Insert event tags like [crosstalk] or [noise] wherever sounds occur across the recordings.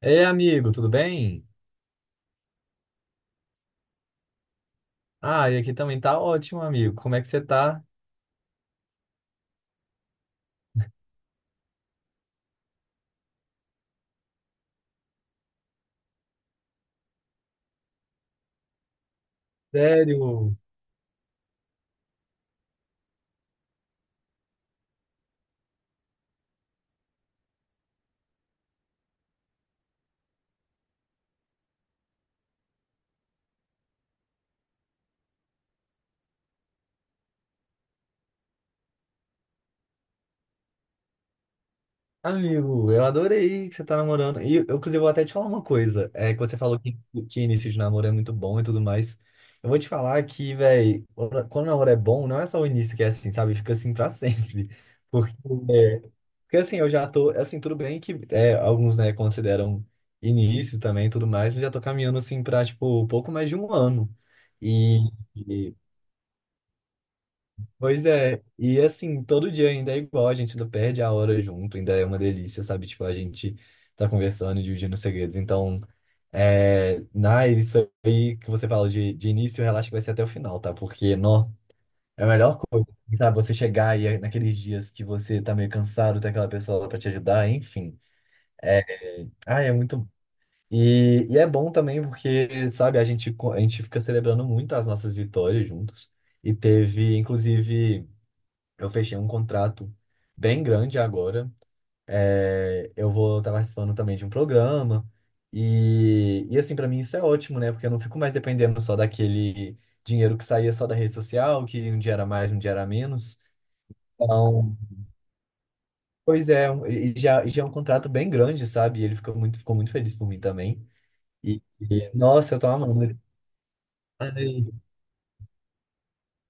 Ei, amigo, tudo bem? Ah, e aqui também tá ótimo, amigo. Como é que você tá? Sério? Amigo, eu adorei que você tá namorando. E, eu, inclusive, vou até te falar uma coisa. É que você falou que início de namoro é muito bom e tudo mais. Eu vou te falar que, velho, quando o namoro é bom, não é só o início que é assim, sabe? Fica assim pra [laughs] sempre. Porque, porque assim, eu já tô... Assim, tudo bem que é, alguns, né, consideram início também e tudo mais, mas já tô caminhando, assim, pra, tipo, pouco mais de um ano. E... Pois é, e assim, todo dia ainda é igual, a gente não perde a hora junto, ainda é uma delícia, sabe? Tipo, a gente tá conversando, e dividindo segredos. Então, isso aí que você fala de início, relaxa que vai ser até o final, tá? Porque, nó, é a melhor coisa, tá? Você chegar e é naqueles dias que você tá meio cansado, tem aquela pessoa lá pra te ajudar, enfim. É, ah, é muito bom. E é bom também porque, sabe, a gente fica celebrando muito as nossas vitórias juntos. E teve, inclusive. Eu fechei um contrato bem grande agora. É, eu vou estar participando também de um programa. E assim, para mim isso é ótimo, né? Porque eu não fico mais dependendo só daquele dinheiro que saía só da rede social, que um dia era mais, um dia era menos. Então, pois é, e já é um contrato bem grande, sabe? E ele ficou muito feliz por mim também. E, nossa, eu tô amando.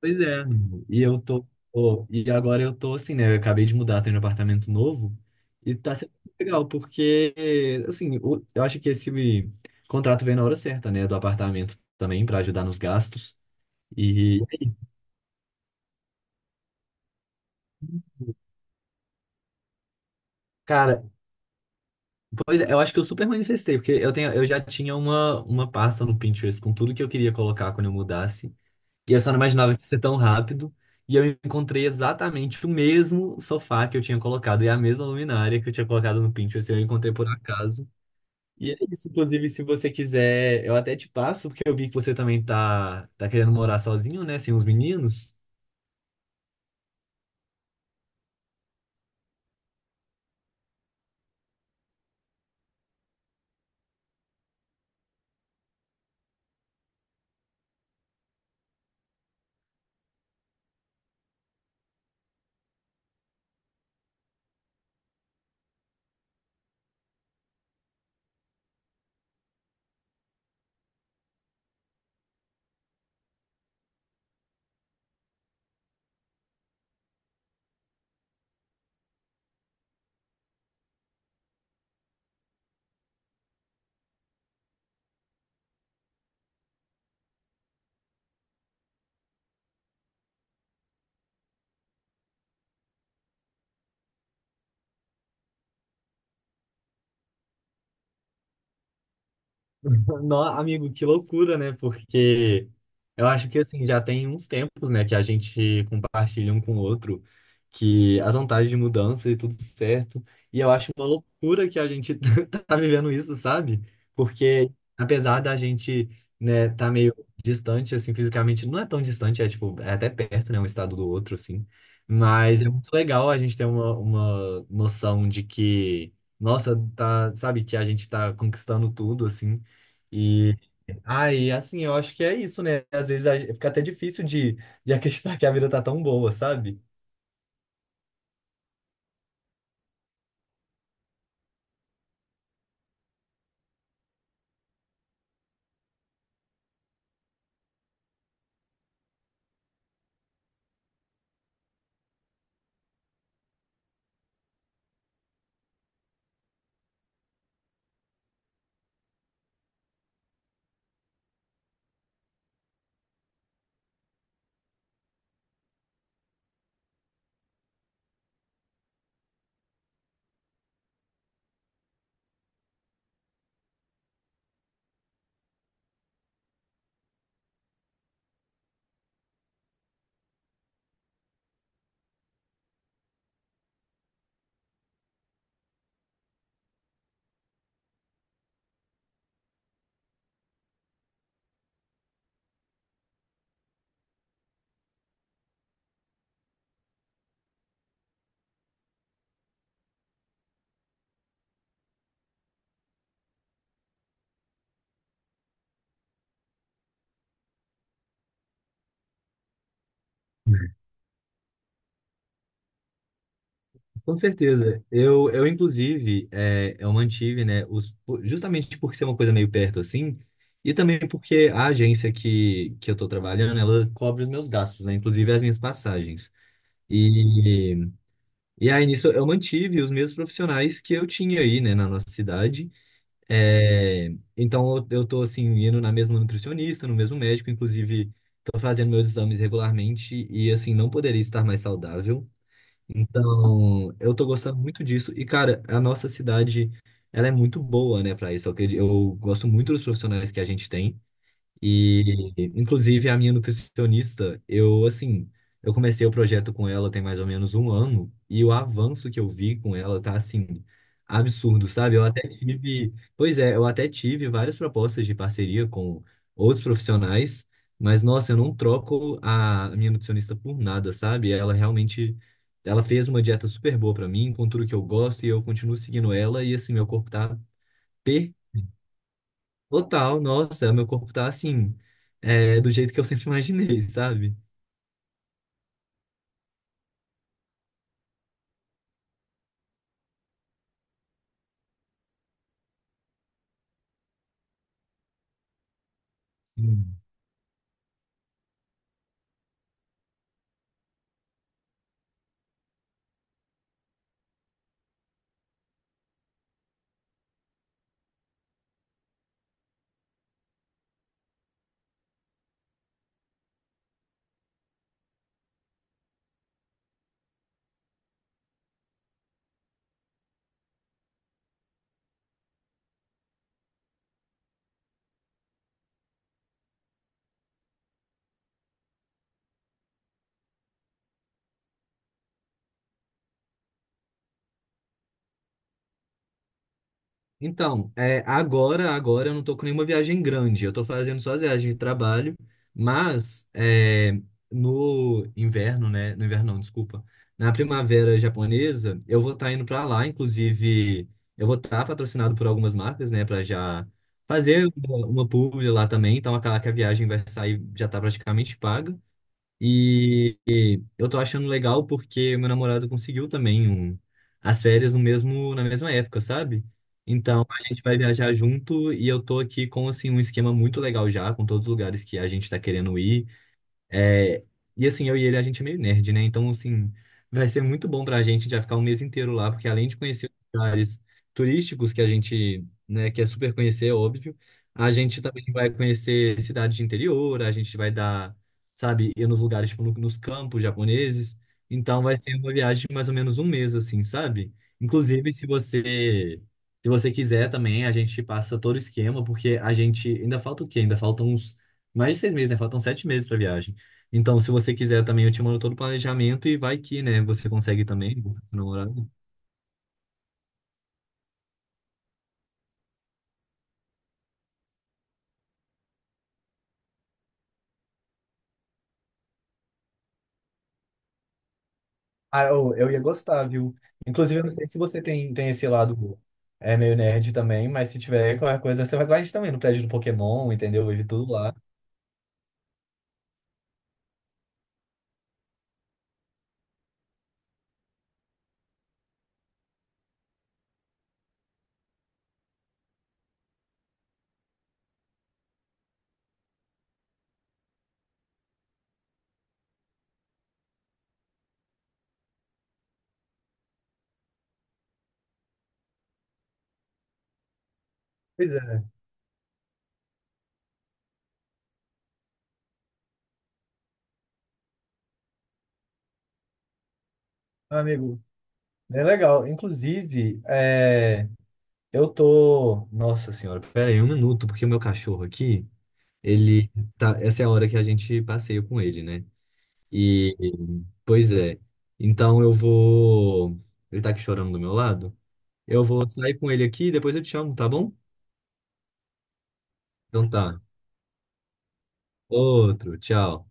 Pois é. E eu tô. Pô, e agora eu tô assim, né? Eu acabei de mudar, tô em um apartamento novo. E tá sendo legal, porque, assim, eu acho que esse contrato veio na hora certa, né? Do apartamento também, pra ajudar nos gastos. E, cara, pois é, eu acho que eu super manifestei, porque eu tenho, eu já tinha uma pasta no Pinterest com tudo que eu queria colocar quando eu mudasse. E eu só não imaginava que ia ser tão rápido. E eu encontrei exatamente o mesmo sofá que eu tinha colocado e a mesma luminária que eu tinha colocado no Pinterest. Eu encontrei por acaso. E é isso. Inclusive, se você quiser, eu até te passo, porque eu vi que você também tá, querendo morar sozinho, né? Sem os meninos. [laughs] No- amigo, que loucura, né? Porque eu acho que assim, já tem uns tempos, né, que a gente compartilha um com o outro, que as vantagens de mudança e tudo certo. E eu acho uma loucura que a gente [laughs] tá vivendo isso, sabe? Porque apesar da gente, né, tá meio distante, assim, fisicamente, não é tão distante, é tipo, é até perto, né, um estado do outro, assim. Mas é muito legal a gente ter uma, noção de que, nossa, tá, sabe, que a gente tá conquistando tudo, assim. E aí, assim, eu acho que é isso, né? Às vezes fica até difícil de, acreditar que a vida tá tão boa, sabe? Com certeza. Eu inclusive, é, eu mantive, né, os, justamente porque ser uma coisa meio perto assim, e também porque a agência que, eu tô trabalhando, ela cobre os meus gastos, né, inclusive as minhas passagens. E, e aí nisso eu mantive os mesmos profissionais que eu tinha aí, né, na nossa cidade. É, então eu, tô assim indo na mesma nutricionista, no mesmo médico, inclusive tô fazendo meus exames regularmente e assim não poderia estar mais saudável. Então, eu tô gostando muito disso e cara, a nossa cidade ela é muito boa, né, para isso. Eu, eu gosto muito dos profissionais que a gente tem. E, inclusive, a minha nutricionista, eu, assim, eu comecei o projeto com ela tem mais ou menos um ano, e o avanço que eu vi com ela tá, assim, absurdo, sabe? Eu até tive várias propostas de parceria com outros profissionais, mas, nossa, eu não troco a minha nutricionista por nada, sabe? Ela realmente, ela fez uma dieta super boa pra mim, com tudo que eu gosto, e eu continuo seguindo ela, e, assim, meu corpo tá perfeito. Total, nossa, meu corpo tá assim, é, do jeito que eu sempre imaginei, sabe? Hum. Então, é, agora, agora eu não tô com nenhuma viagem grande, eu tô fazendo só as viagens de trabalho, mas é, no inverno, né? No inverno não, desculpa. Na primavera japonesa, eu vou estar indo pra lá, inclusive, eu vou estar patrocinado por algumas marcas, né, pra já fazer uma, publi lá também, então aquela que a viagem vai sair já tá praticamente paga. E eu tô achando legal porque meu namorado conseguiu também as férias no mesmo, na mesma época, sabe? Então a gente vai viajar junto e eu tô aqui com assim um esquema muito legal já, com todos os lugares que a gente tá querendo ir. É, e assim, eu e ele, a gente é meio nerd, né? Então, assim, vai ser muito bom pra gente já ficar um mês inteiro lá, porque além de conhecer os lugares turísticos que a gente, né, quer super conhecer, é óbvio, a gente também vai conhecer cidades de interior, a gente vai dar, sabe, ir nos lugares, tipo, nos campos japoneses. Então, vai ser uma viagem de mais ou menos um mês, assim, sabe? Inclusive, se você, quiser também, a gente passa todo o esquema, porque a gente, ainda falta o quê? Ainda faltam uns, mais de 6 meses, né? Faltam 7 meses pra viagem. Então, se você quiser também, eu te mando todo o planejamento e vai que, né, você consegue também, você tá namorado. Ah, eu, ia gostar, viu? Inclusive, eu não sei se você tem, esse lado é meio nerd também, mas se tiver qualquer coisa, você vai com a gente também no prédio do Pokémon, entendeu? Vive tudo lá. Pois é, amigo. É legal. Inclusive, é, eu tô. Nossa senhora, pera aí um minuto, porque o meu cachorro aqui, ele tá, essa é a hora que a gente passeia com ele, né? E, pois é. Então eu vou. Ele tá aqui chorando do meu lado. Eu vou sair com ele aqui e depois eu te chamo, tá bom? Então tá. Outro, tchau.